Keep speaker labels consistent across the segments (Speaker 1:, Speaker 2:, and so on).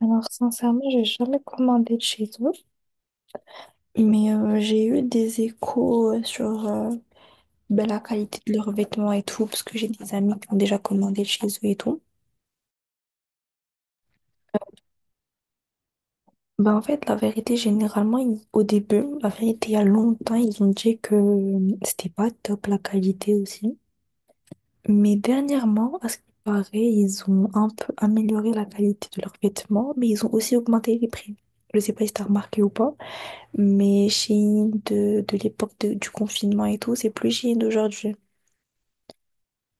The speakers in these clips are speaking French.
Speaker 1: Alors, sincèrement, j'ai jamais commandé de chez eux, mais j'ai eu des échos sur la qualité de leurs vêtements et tout, parce que j'ai des amis qui ont déjà commandé de chez eux et tout. Ben, en fait, la vérité, généralement, au début, la vérité, il y a longtemps, ils ont dit que c'était pas top la qualité aussi. Mais dernièrement, à ce qui paraît, ils ont un peu amélioré la qualité de leurs vêtements, mais ils ont aussi augmenté les prix. Je sais pas si t'as remarqué ou pas. Mais Shein de l'époque du confinement et tout, c'est plus Shein d'aujourd'hui.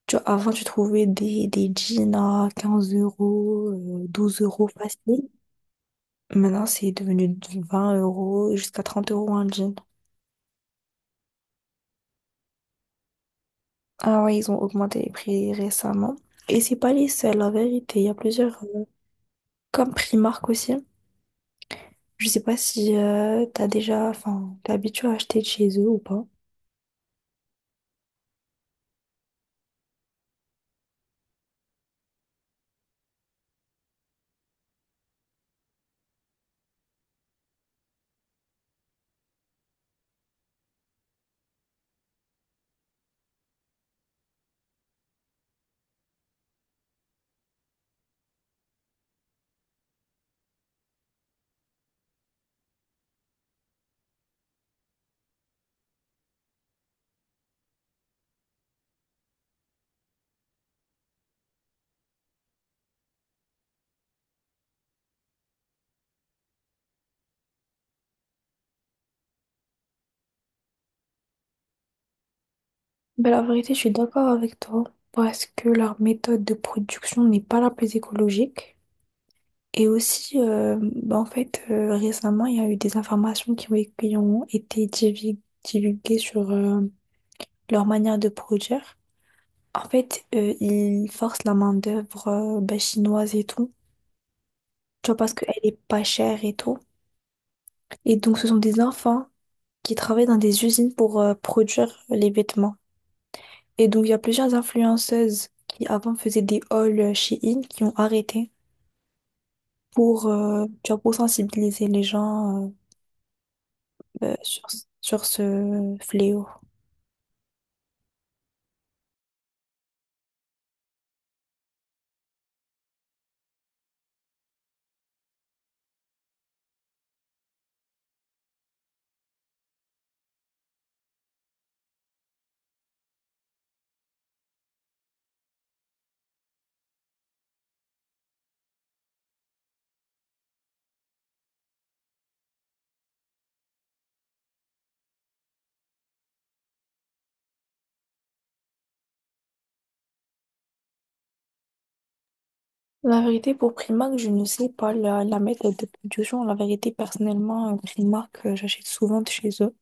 Speaker 1: Tu vois, avant, tu trouvais des jeans à 15 euros, 12 € facile. Maintenant, c'est devenu de 20 € jusqu'à 30 € un jean. Ah ouais, ils ont augmenté les prix récemment. Et c'est pas les seuls, la vérité. Il y a plusieurs, comme Primark aussi. Je sais pas si t'as déjà, enfin, t'es habitué à acheter de chez eux ou pas. Ben, la vérité, je suis d'accord avec toi parce que leur méthode de production n'est pas la plus écologique. Et aussi, en fait, récemment, il y a eu des informations qui ont été divulguées sur leur manière de produire. En fait, ils forcent la main-d'œuvre chinoise et tout, tu vois, parce qu'elle est pas chère et tout. Et donc, ce sont des enfants qui travaillent dans des usines pour produire les vêtements. Et donc, il y a plusieurs influenceuses qui avant faisaient des hauls chez In qui ont arrêté pour, tu vois, pour sensibiliser les gens euh, euh, sur, sur ce fléau. La vérité, pour Primark, je ne sais pas la méthode de production. La vérité, personnellement, Primark, j'achète souvent de chez eux.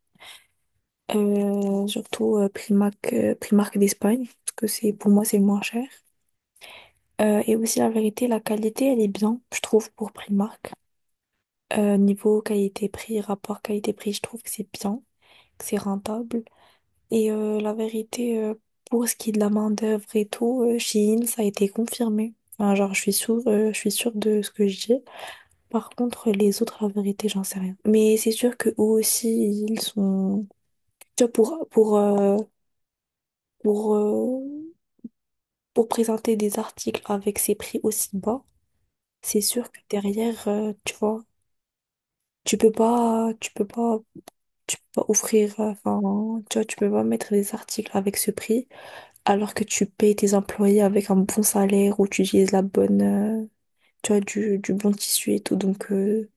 Speaker 1: Surtout Primark, Primark d'Espagne, parce que c'est le moins cher. Et aussi, la vérité, la qualité, elle est bien, je trouve, pour Primark. Niveau qualité-prix, rapport qualité-prix, je trouve que c'est bien, c'est rentable. Et la vérité, pour ce qui est de la main-d'œuvre et tout, chez Shein, ça a été confirmé. Enfin, genre, je suis sûre de ce que je dis. Par contre, les autres, la vérité, j'en sais rien. Mais c'est sûr que eux aussi, ils sont. Tu vois, pour, euh, pour présenter des articles avec ces prix aussi bas, c'est sûr que derrière, tu vois, tu peux pas, tu peux pas, tu peux pas offrir, enfin, tu vois, tu peux pas mettre des articles avec ce prix alors que tu payes tes employés avec un bon salaire ou tu utilises la bonne, tu vois, du bon tissu et tout. Donc,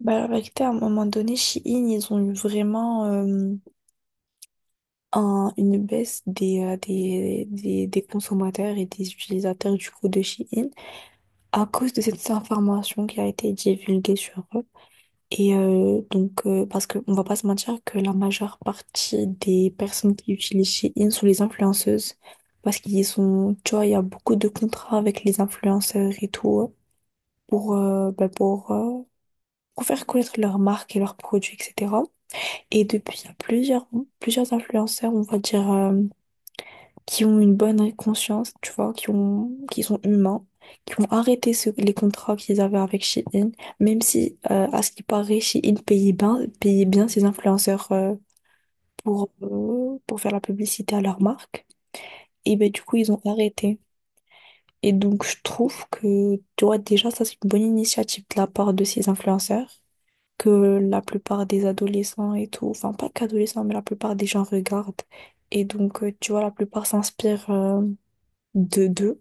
Speaker 1: bah, la vérité, à un moment donné, Shein, ils ont eu vraiment une baisse des consommateurs et des utilisateurs du coup de Shein à cause de cette information qui a été divulguée sur eux. Et parce qu'on ne va pas se mentir que la majeure partie des personnes qui utilisent Shein sont les influenceuses. Parce qu'ils sont, tu vois, il y a beaucoup de contrats avec les influenceurs et tout pour, pour faire connaître leur marque et leurs produits, etc. Et depuis, il y a plusieurs influenceurs, on va dire, qui ont une bonne conscience, tu vois, qui sont humains, qui ont arrêté les contrats qu'ils avaient avec Shein, même si, à ce qui paraît, Shein payait bien ses influenceurs, pour faire la publicité à leur marque. Et ben, du coup, ils ont arrêté. Et donc, je trouve que, tu vois, déjà, ça, c'est une bonne initiative de la part de ces influenceurs, que la plupart des adolescents et tout, enfin, pas qu'adolescents, mais la plupart des gens regardent. Et donc, tu vois, la plupart s'inspirent, de d'eux.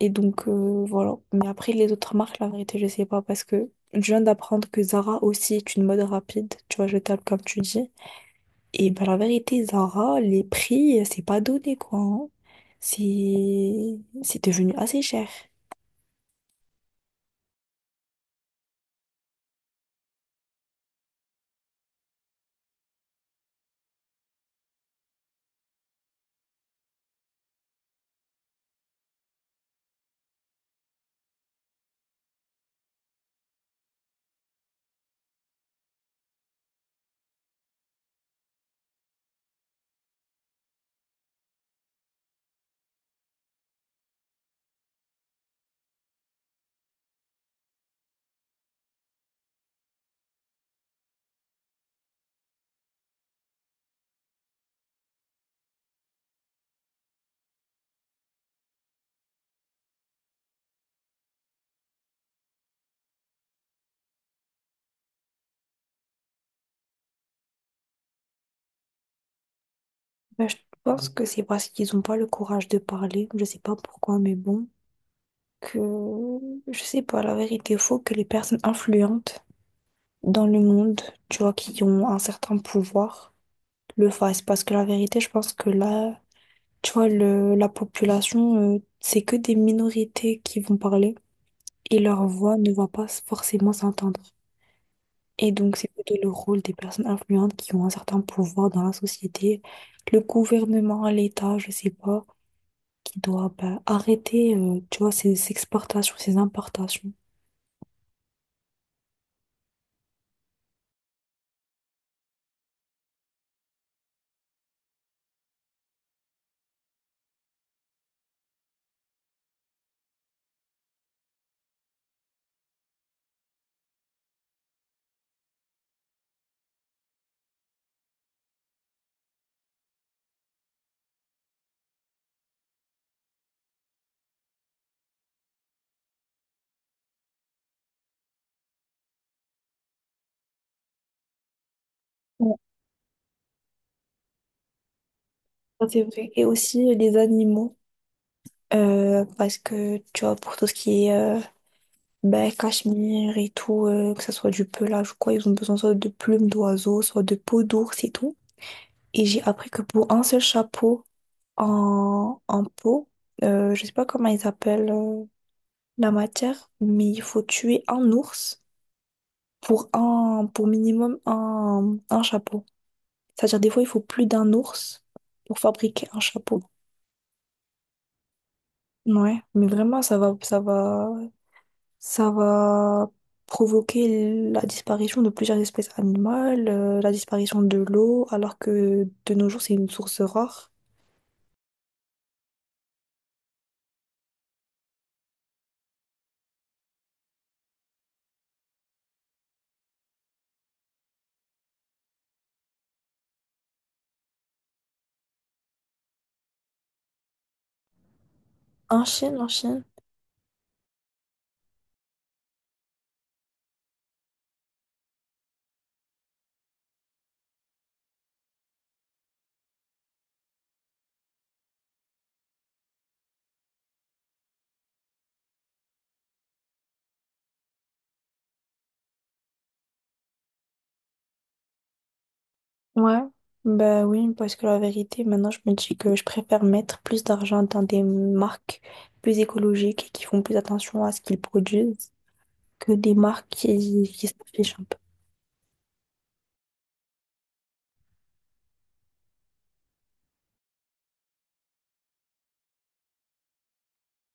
Speaker 1: Et donc, voilà. Mais après, les autres marques, la vérité, je sais pas parce que je viens d'apprendre que Zara aussi est une mode rapide. Tu vois, je jetable, comme tu dis. Et ben, la vérité, Zara, les prix, c'est pas donné, quoi, hein. C'est devenu assez cher. Ben, je pense que c'est parce qu'ils ont pas le courage de parler. Je sais pas pourquoi, mais bon. Que je sais pas, la vérité, faut que les personnes influentes dans le monde, tu vois, qui ont un certain pouvoir, le fassent. Parce que la vérité, je pense que là, tu vois, la population, c'est que des minorités qui vont parler et leur voix ne va pas forcément s'entendre. Et donc, c'est plutôt le rôle des personnes influentes qui ont un certain pouvoir dans la société, le gouvernement, l'État, je sais pas, qui doit ben, arrêter, tu vois, ces exportations, ces importations. Ouais, ça, c'est vrai. Et aussi les animaux, parce que, tu vois, pour tout ce qui est ben, cachemire et tout, que ça soit du pelage ou quoi, ils ont besoin soit de plumes d'oiseaux, soit de peau d'ours et tout. Et j'ai appris que pour un seul chapeau en peau, je sais pas comment ils appellent la matière, mais il faut tuer un ours pour minimum un chapeau. C'est-à-dire des fois il faut plus d'un ours pour fabriquer un chapeau. Ouais, mais vraiment ça va provoquer la disparition de plusieurs espèces animales, la disparition de l'eau, alors que de nos jours, c'est une source rare. En Chine, en Chine. Ouais. Ben oui, parce que la vérité, maintenant, je me dis que je préfère mettre plus d'argent dans des marques plus écologiques et qui font plus attention à ce qu'ils produisent que des marques qui s'affichent un peu.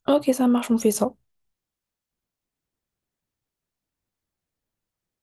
Speaker 1: Ok, ça marche, on fait ça.